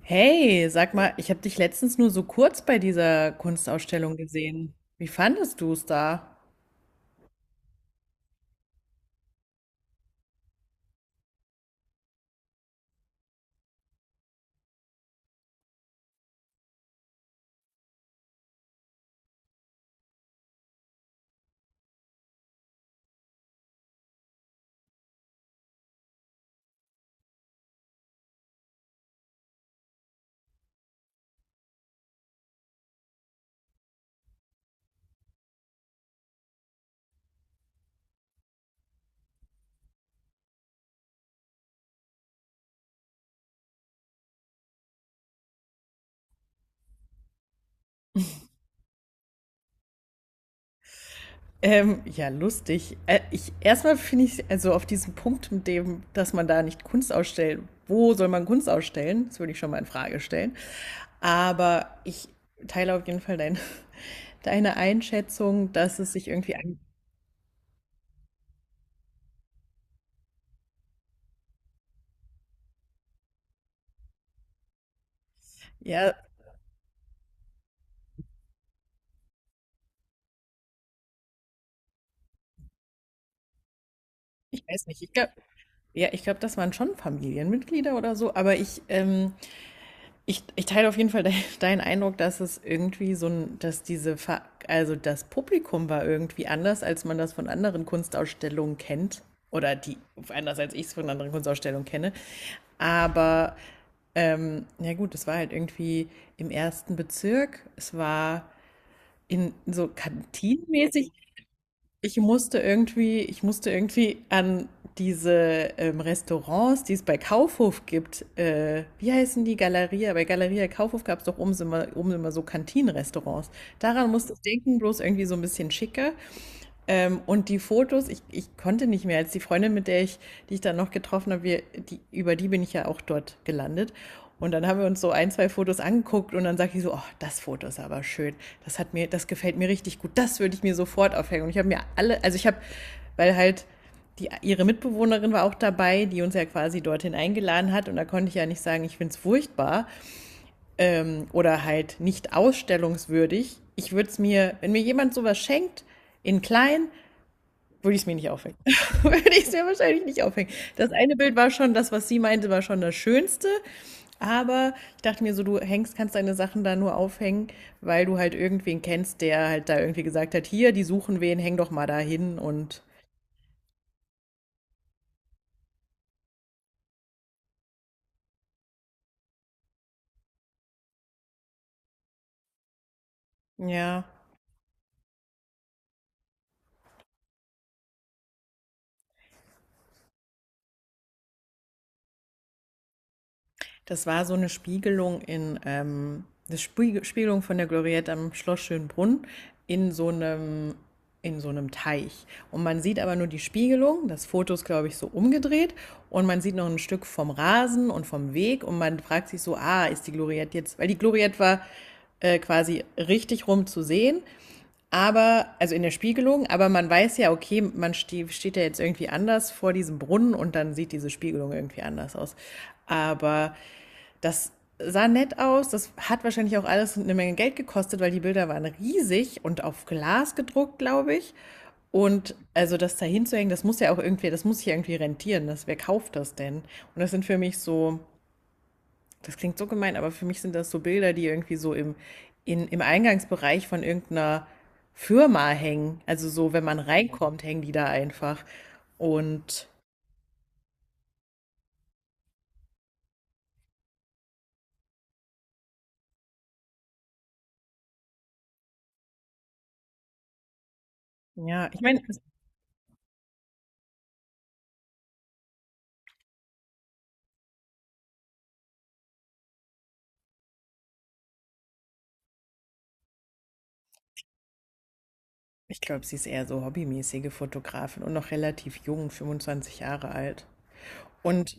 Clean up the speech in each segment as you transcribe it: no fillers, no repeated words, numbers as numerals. Hey, sag mal, ich habe dich letztens nur so kurz bei dieser Kunstausstellung gesehen. Wie fandest du es da? Ja, lustig. Ich erstmal finde ich, also auf diesen Punkt mit dem, dass man da nicht Kunst ausstellt. Wo soll man Kunst ausstellen? Das würde ich schon mal in Frage stellen. Aber ich teile auf jeden Fall dein, deine Einschätzung, dass es sich irgendwie an. Ja, ich weiß nicht. Ich glaube, ja, ich glaube, das waren schon Familienmitglieder oder so. Aber ich ich teile auf jeden Fall de deinen Eindruck, dass es irgendwie so ein, dass diese, Ver also das Publikum war irgendwie anders, als man das von anderen Kunstausstellungen kennt. Oder die, anders als ich es von anderen Kunstausstellungen kenne. Aber, ja gut, es war halt irgendwie im ersten Bezirk. Es war in so kantinenmäßig. Ich musste irgendwie an diese Restaurants, die es bei Kaufhof gibt, wie heißen die Galeria? Bei Galeria Kaufhof gab es doch oben immer so Kantinenrestaurants. Daran musste ich denken, bloß irgendwie so ein bisschen schicker. Und die Fotos, ich konnte nicht mehr, als die Freundin, mit der ich, die ich dann noch getroffen habe, wir, die, über die bin ich ja auch dort gelandet. Und dann haben wir uns so ein, zwei Fotos angeguckt und dann sagt ich so, oh, das Foto ist aber schön. Das hat mir, das gefällt mir richtig gut. Das würde ich mir sofort aufhängen. Und ich habe mir alle, also ich habe, weil halt die, ihre Mitbewohnerin war auch dabei, die uns ja quasi dorthin eingeladen hat. Und da konnte ich ja nicht sagen, ich find's furchtbar oder halt nicht ausstellungswürdig. Ich würde es mir, wenn mir jemand sowas schenkt, in klein, würde ich es mir nicht aufhängen. Würde ich es mir wahrscheinlich nicht aufhängen. Das eine Bild war schon, das, was sie meinte, war schon das Schönste. Aber ich dachte mir so, du hängst, kannst deine Sachen da nur aufhängen, weil du halt irgendwen kennst, der halt da irgendwie gesagt hat, hier, die suchen wen, häng doch mal da hin. Und ja, das war so eine Spiegelung in, eine Spiegelung von der Gloriette am Schloss Schönbrunn in so einem, in so einem Teich. Und man sieht aber nur die Spiegelung. Das Foto ist, glaube ich, so umgedreht. Und man sieht noch ein Stück vom Rasen und vom Weg. Und man fragt sich so, ah, ist die Gloriette jetzt, weil die Gloriette war quasi richtig rum zu sehen. Aber, also in der Spiegelung, aber man weiß ja, okay, man steht ja jetzt irgendwie anders vor diesem Brunnen und dann sieht diese Spiegelung irgendwie anders aus. Aber das sah nett aus. Das hat wahrscheinlich auch alles eine Menge Geld gekostet, weil die Bilder waren riesig und auf Glas gedruckt, glaube ich. Und also das da hinzuhängen, das muss ja auch irgendwie, das muss ich ja irgendwie rentieren. Das, wer kauft das denn? Und das sind für mich so, das klingt so gemein, aber für mich sind das so Bilder, die irgendwie so im Eingangsbereich von irgendeiner Firma hängen. Also so, wenn man reinkommt, hängen die da einfach. Und ja, ich meine, ich glaube, sie ist eher so hobbymäßige Fotografin und noch relativ jung, 25 Jahre alt. Und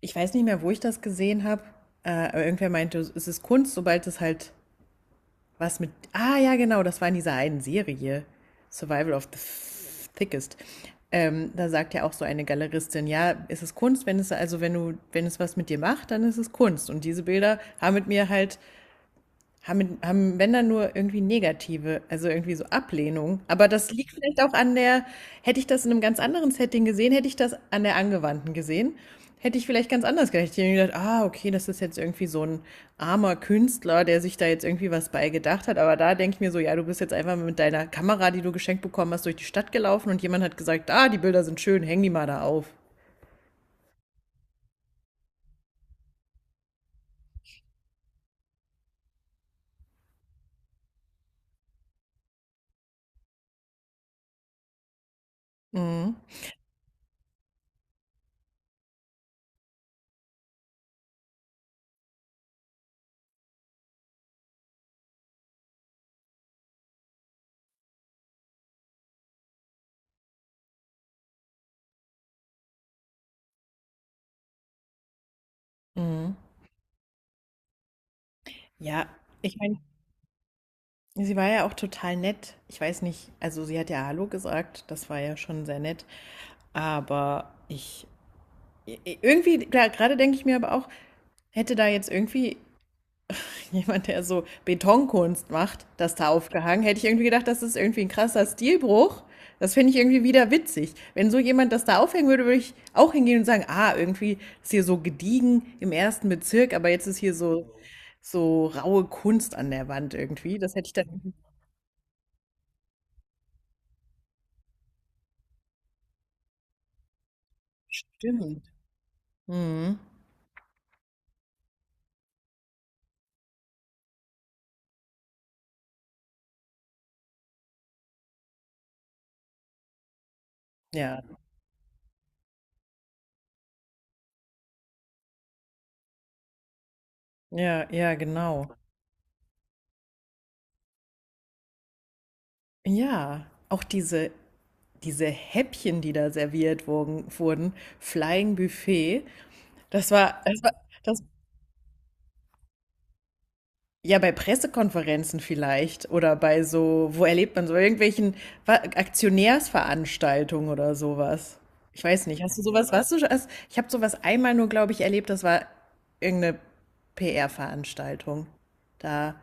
ich weiß nicht mehr, wo ich das gesehen habe, aber irgendwer meinte, es ist Kunst, sobald es halt was mit. Ah, ja, genau, das war in dieser einen Serie, Survival of the Thickest. Da sagt ja auch so eine Galeristin, ja, es ist Kunst, wenn es also wenn du wenn es was mit dir macht, dann ist es Kunst. Und diese Bilder haben mit mir halt haben wenn dann nur irgendwie negative, also irgendwie so Ablehnung. Aber das liegt vielleicht auch an der, hätte ich das in einem ganz anderen Setting gesehen, hätte ich das an der Angewandten gesehen, hätte ich vielleicht ganz anders gedacht. Ich hätte mir gedacht, ah, okay, das ist jetzt irgendwie so ein armer Künstler, der sich da jetzt irgendwie was bei gedacht hat. Aber da denke ich mir so, ja, du bist jetzt einfach mit deiner Kamera, die du geschenkt bekommen hast, durch die Stadt gelaufen und jemand hat gesagt, ah, die Bilder sind schön, häng die mal da auf. Mhm. Mhm. Ja, ich meine, sie war ja auch total nett. Ich weiß nicht, also sie hat ja Hallo gesagt, das war ja schon sehr nett. Aber ich, irgendwie, klar, gerade denke ich mir aber auch, hätte da jetzt irgendwie jemand, der so Betonkunst macht, das da aufgehangen, hätte ich irgendwie gedacht, das ist irgendwie ein krasser Stilbruch. Das finde ich irgendwie wieder witzig. Wenn so jemand das da aufhängen würde, würde ich auch hingehen und sagen, ah, irgendwie ist hier so gediegen im ersten Bezirk, aber jetzt ist hier so raue Kunst an der Wand irgendwie. Das hätte ich dann. Stimmt. Mhm. Ja, ja, ja, genau. Ja, auch diese Häppchen, die da serviert wurden, Flying Buffet, das war, das war, das, ja, bei Pressekonferenzen vielleicht oder bei so, wo erlebt man so, irgendwelchen Aktionärsveranstaltungen oder sowas. Ich weiß nicht, hast du sowas, warst du schon, ich habe sowas einmal nur, glaube ich, erlebt, das war irgendeine PR-Veranstaltung. Da.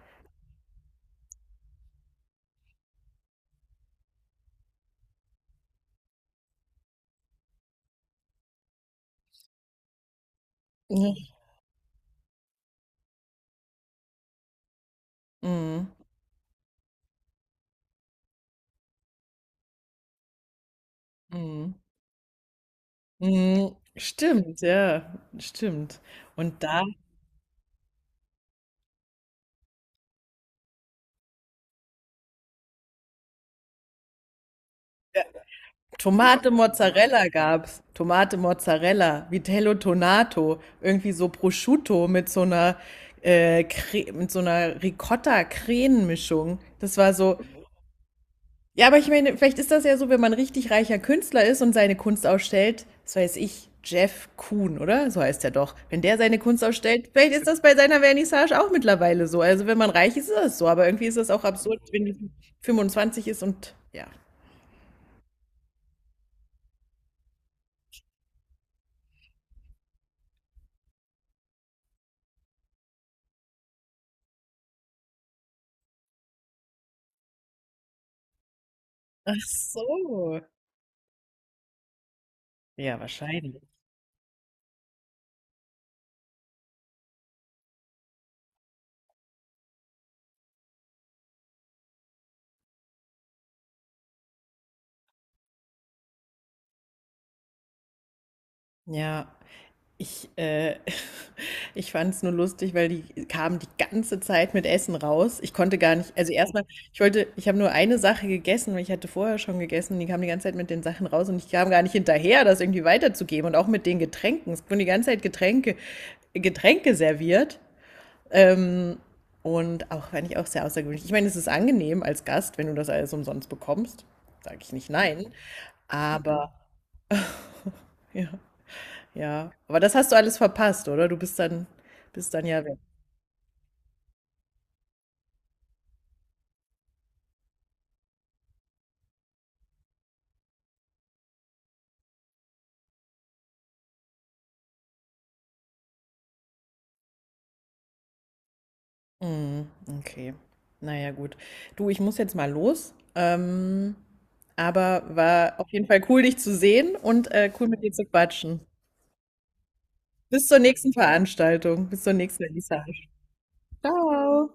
Ja. Mhm. Mhm. Mhm. Stimmt, ja, stimmt. Und da Tomate Mozzarella gab's. Tomate Mozzarella, Vitello Tonato, irgendwie so Prosciutto mit so einer Ricotta-Creme-Mischung. Das war so, ja, aber ich meine, vielleicht ist das ja so, wenn man richtig reicher Künstler ist und seine Kunst ausstellt, das weiß ich, Jeff Kuhn, oder? So heißt er doch. Wenn der seine Kunst ausstellt, vielleicht ist das bei seiner Vernissage auch mittlerweile so. Also wenn man reich ist, ist das so. Aber irgendwie ist das auch absurd, wenn die 25 ist und ja. Ach so. Ja, wahrscheinlich. Ja. Ich, äh, Ich fand es nur lustig, weil die kamen die ganze Zeit mit Essen raus. Ich konnte gar nicht, also erstmal, ich wollte, ich habe nur eine Sache gegessen, weil ich hatte vorher schon gegessen und die kamen die ganze Zeit mit den Sachen raus und ich kam gar nicht hinterher, das irgendwie weiterzugeben und auch mit den Getränken. Es wurden die ganze Zeit Getränke serviert. Ähm, und auch, fand ich auch sehr außergewöhnlich. Ich meine, es ist angenehm als Gast, wenn du das alles umsonst bekommst. Sage ich nicht nein. Aber, ja. Ja, aber das hast du alles verpasst, oder? Du bist dann, ja weg. Mhm, okay. Naja, gut. Du, ich muss jetzt mal los. Aber war auf jeden Fall cool, dich zu sehen und cool mit dir zu quatschen. Bis zur nächsten Veranstaltung, bis zur nächsten Vernissage. Ciao.